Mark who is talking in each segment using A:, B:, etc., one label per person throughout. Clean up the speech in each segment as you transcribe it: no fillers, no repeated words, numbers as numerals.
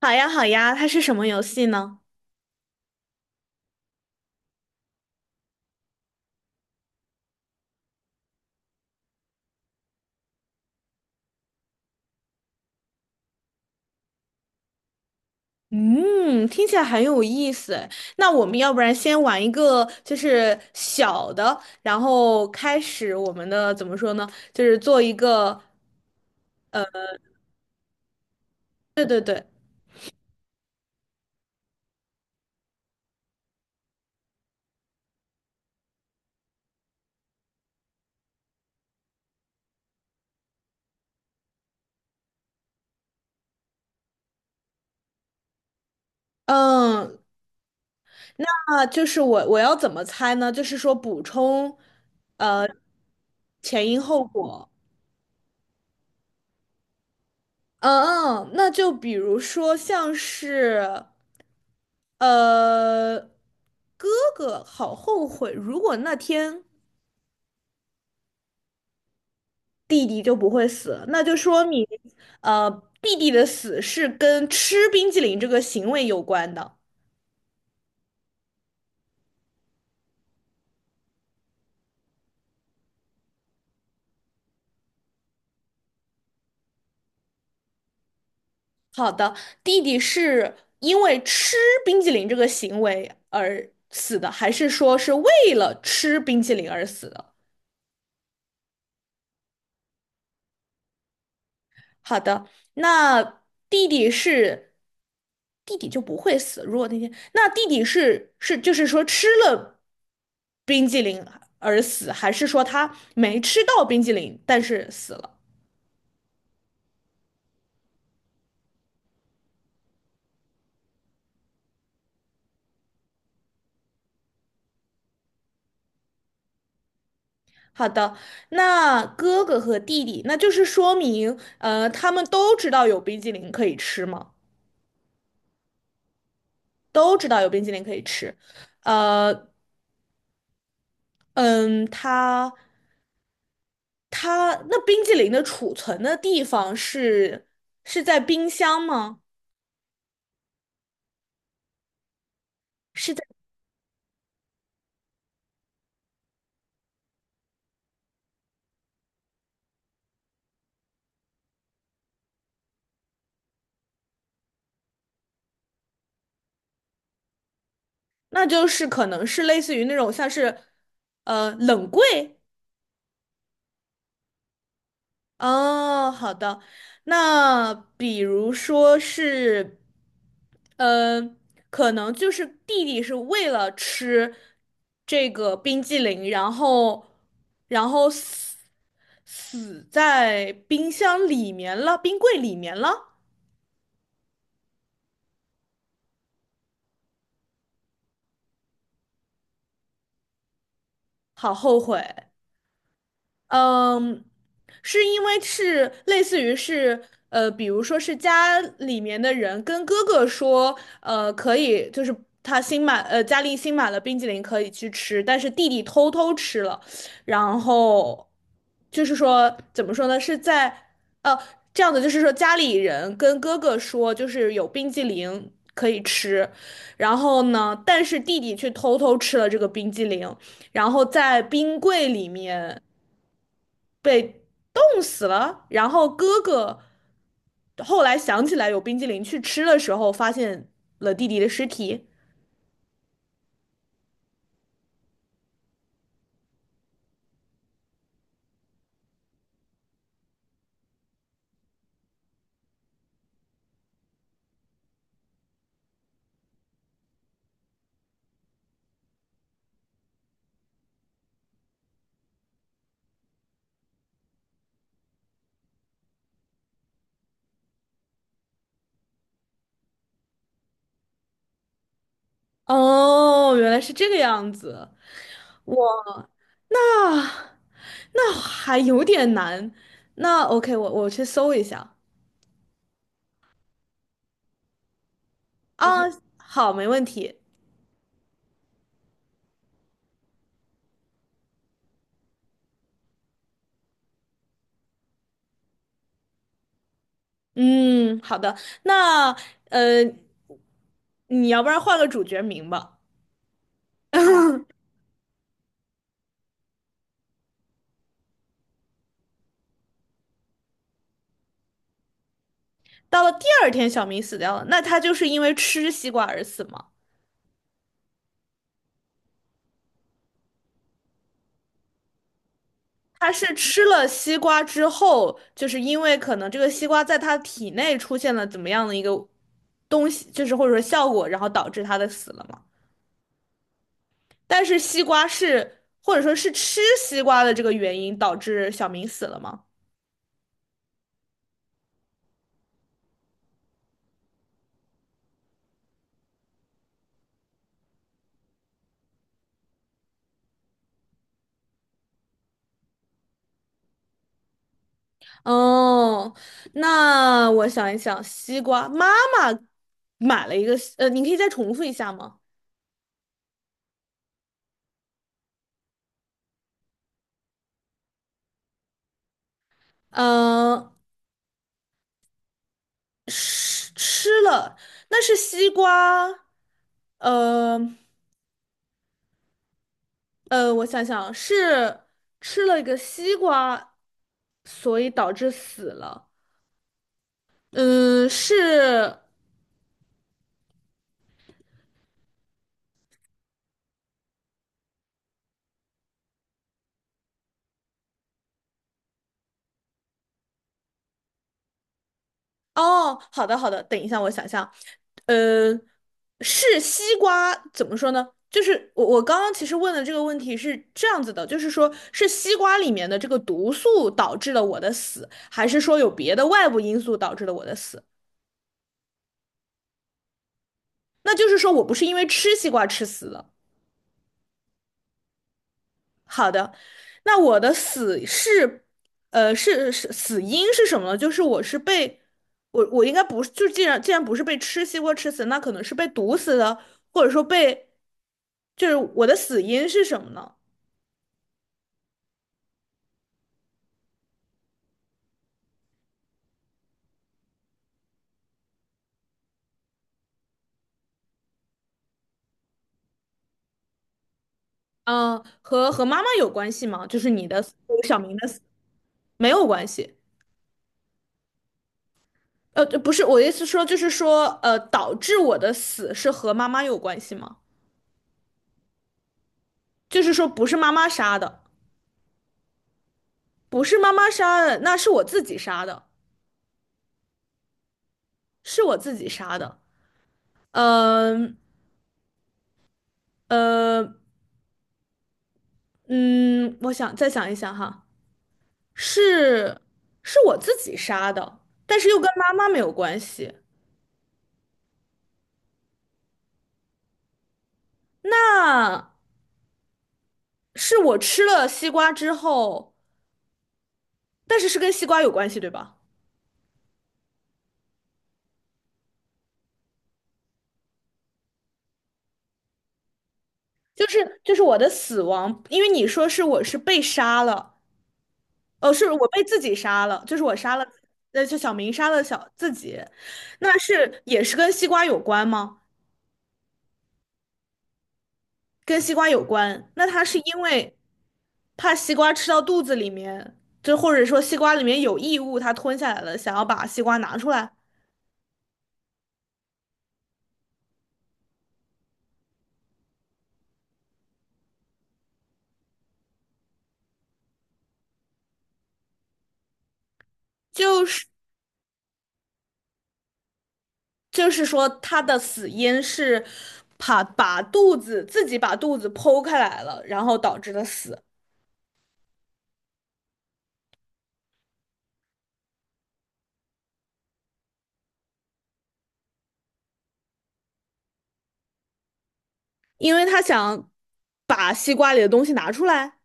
A: 好呀，好呀，它是什么游戏呢？嗯，听起来很有意思。那我们要不然先玩一个，就是小的，然后开始我们的怎么说呢？就是做一个，对对对，嗯，那就是我要怎么猜呢？就是说补充，呃，前因后果。嗯嗯，那就比如说像是。呃，哥哥好后悔，如果那天弟弟就不会死，那就说明，呃，弟弟的死是跟吃冰激凌这个行为有关的。好的，弟弟是因为吃冰激凌这个行为而死的，还是说是为了吃冰激凌而死的？好的，那弟弟是弟弟就不会死。如果那天，那弟弟是就是说吃了冰激凌而死，还是说他没吃到冰激凌但是死了？好的，那哥哥和弟弟，那就是说明，他们都知道有冰激凌可以吃吗？都知道有冰激凌可以吃，呃，嗯，他他那冰激凌的储存的地方是在冰箱吗？是在，那就是可能是类似于那种像是，冷柜。哦，好的。那比如说是，呃，可能就是弟弟是为了吃这个冰激凌，然后，然后死在冰箱里面了，冰柜里面了，好后悔。嗯，是因为是类似于是比如说是家里面的人跟哥哥说，呃，可以就是他新买家里新买了冰激凌可以去吃，但是弟弟偷偷吃了，然后就是说怎么说呢，是在呃这样的就是说家里人跟哥哥说就是有冰激凌可以吃，然后呢，但是弟弟却偷偷吃了这个冰激凌。然后在冰柜里面。被冻死了。然后哥哥后来想起来有冰激凌去吃的时候，发现了弟弟的尸体。哦，原来是这个样子。哇，那那还有点难。那 OK，我去搜一下啊。OK，好，没问题。嗯，好的。那呃，你要不然换个主角名吧。到了第二天，小明死掉了，那他就是因为吃西瓜而死吗？他是吃了西瓜之后，就是因为可能这个西瓜在他体内出现了怎么样的一个东西，就是或者说效果，然后导致他的死了嘛。但是西瓜是或者说是吃西瓜的这个原因导致小明死了吗？哦，那我想一想，西瓜妈妈买了一个，你可以再重复一下吗？嗯、呃，吃了，那是西瓜，呃。我想想，是吃了一个西瓜，所以导致死了。嗯，是，哦，好的好的，等一下，我想想，呃，是西瓜，怎么说呢？就是我刚刚其实问的这个问题是这样子的，就是说是西瓜里面的这个毒素导致了我的死，还是说有别的外部因素导致了我的死？那就是说我不是因为吃西瓜吃死的。好的，那我的死是，是死因是什么呢？就是我是被我应该不是，就既然不是被吃西瓜吃死，那可能是被毒死的，或者说被，就是我的死因是什么呢？嗯、和妈妈有关系吗？就是你的死小明的死没有关系。呃，不是，我的意思说就是说，导致我的死是和妈妈有关系吗？就是说不是妈妈杀的，不是妈妈杀的，那是我自己杀的。是我自己杀的。嗯呃嗯，我想再想一想哈，是是我自己杀的，但是又跟妈妈没有关系。那是我吃了西瓜之后，但是是跟西瓜有关系，对吧？就是我的死亡，因为你说是我是被杀了，是我被自己杀了，就是我杀了，就小明杀了小自己，那是也是跟西瓜有关吗？跟西瓜有关。那他是因为怕西瓜吃到肚子里面，就或者说西瓜里面有异物，它吞下来了，想要把西瓜拿出来，就是就是说它的死因是怕把肚子自己把肚子剖开来了，然后导致的死，因为它想把西瓜里的东西拿出来。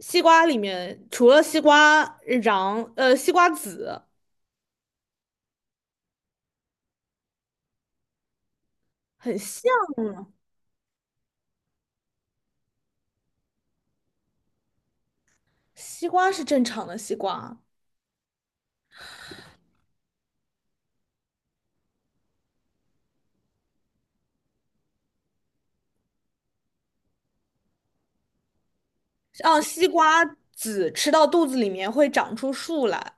A: 西瓜里面除了西瓜瓤，西瓜籽很像呢西瓜是正常的西瓜，让西瓜籽吃到肚子里面会长出树来。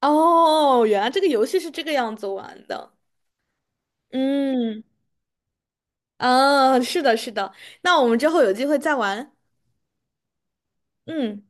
A: 哦，原来这个游戏是这个样子玩的。嗯，啊，是的，是的。那我们之后有机会再玩。嗯。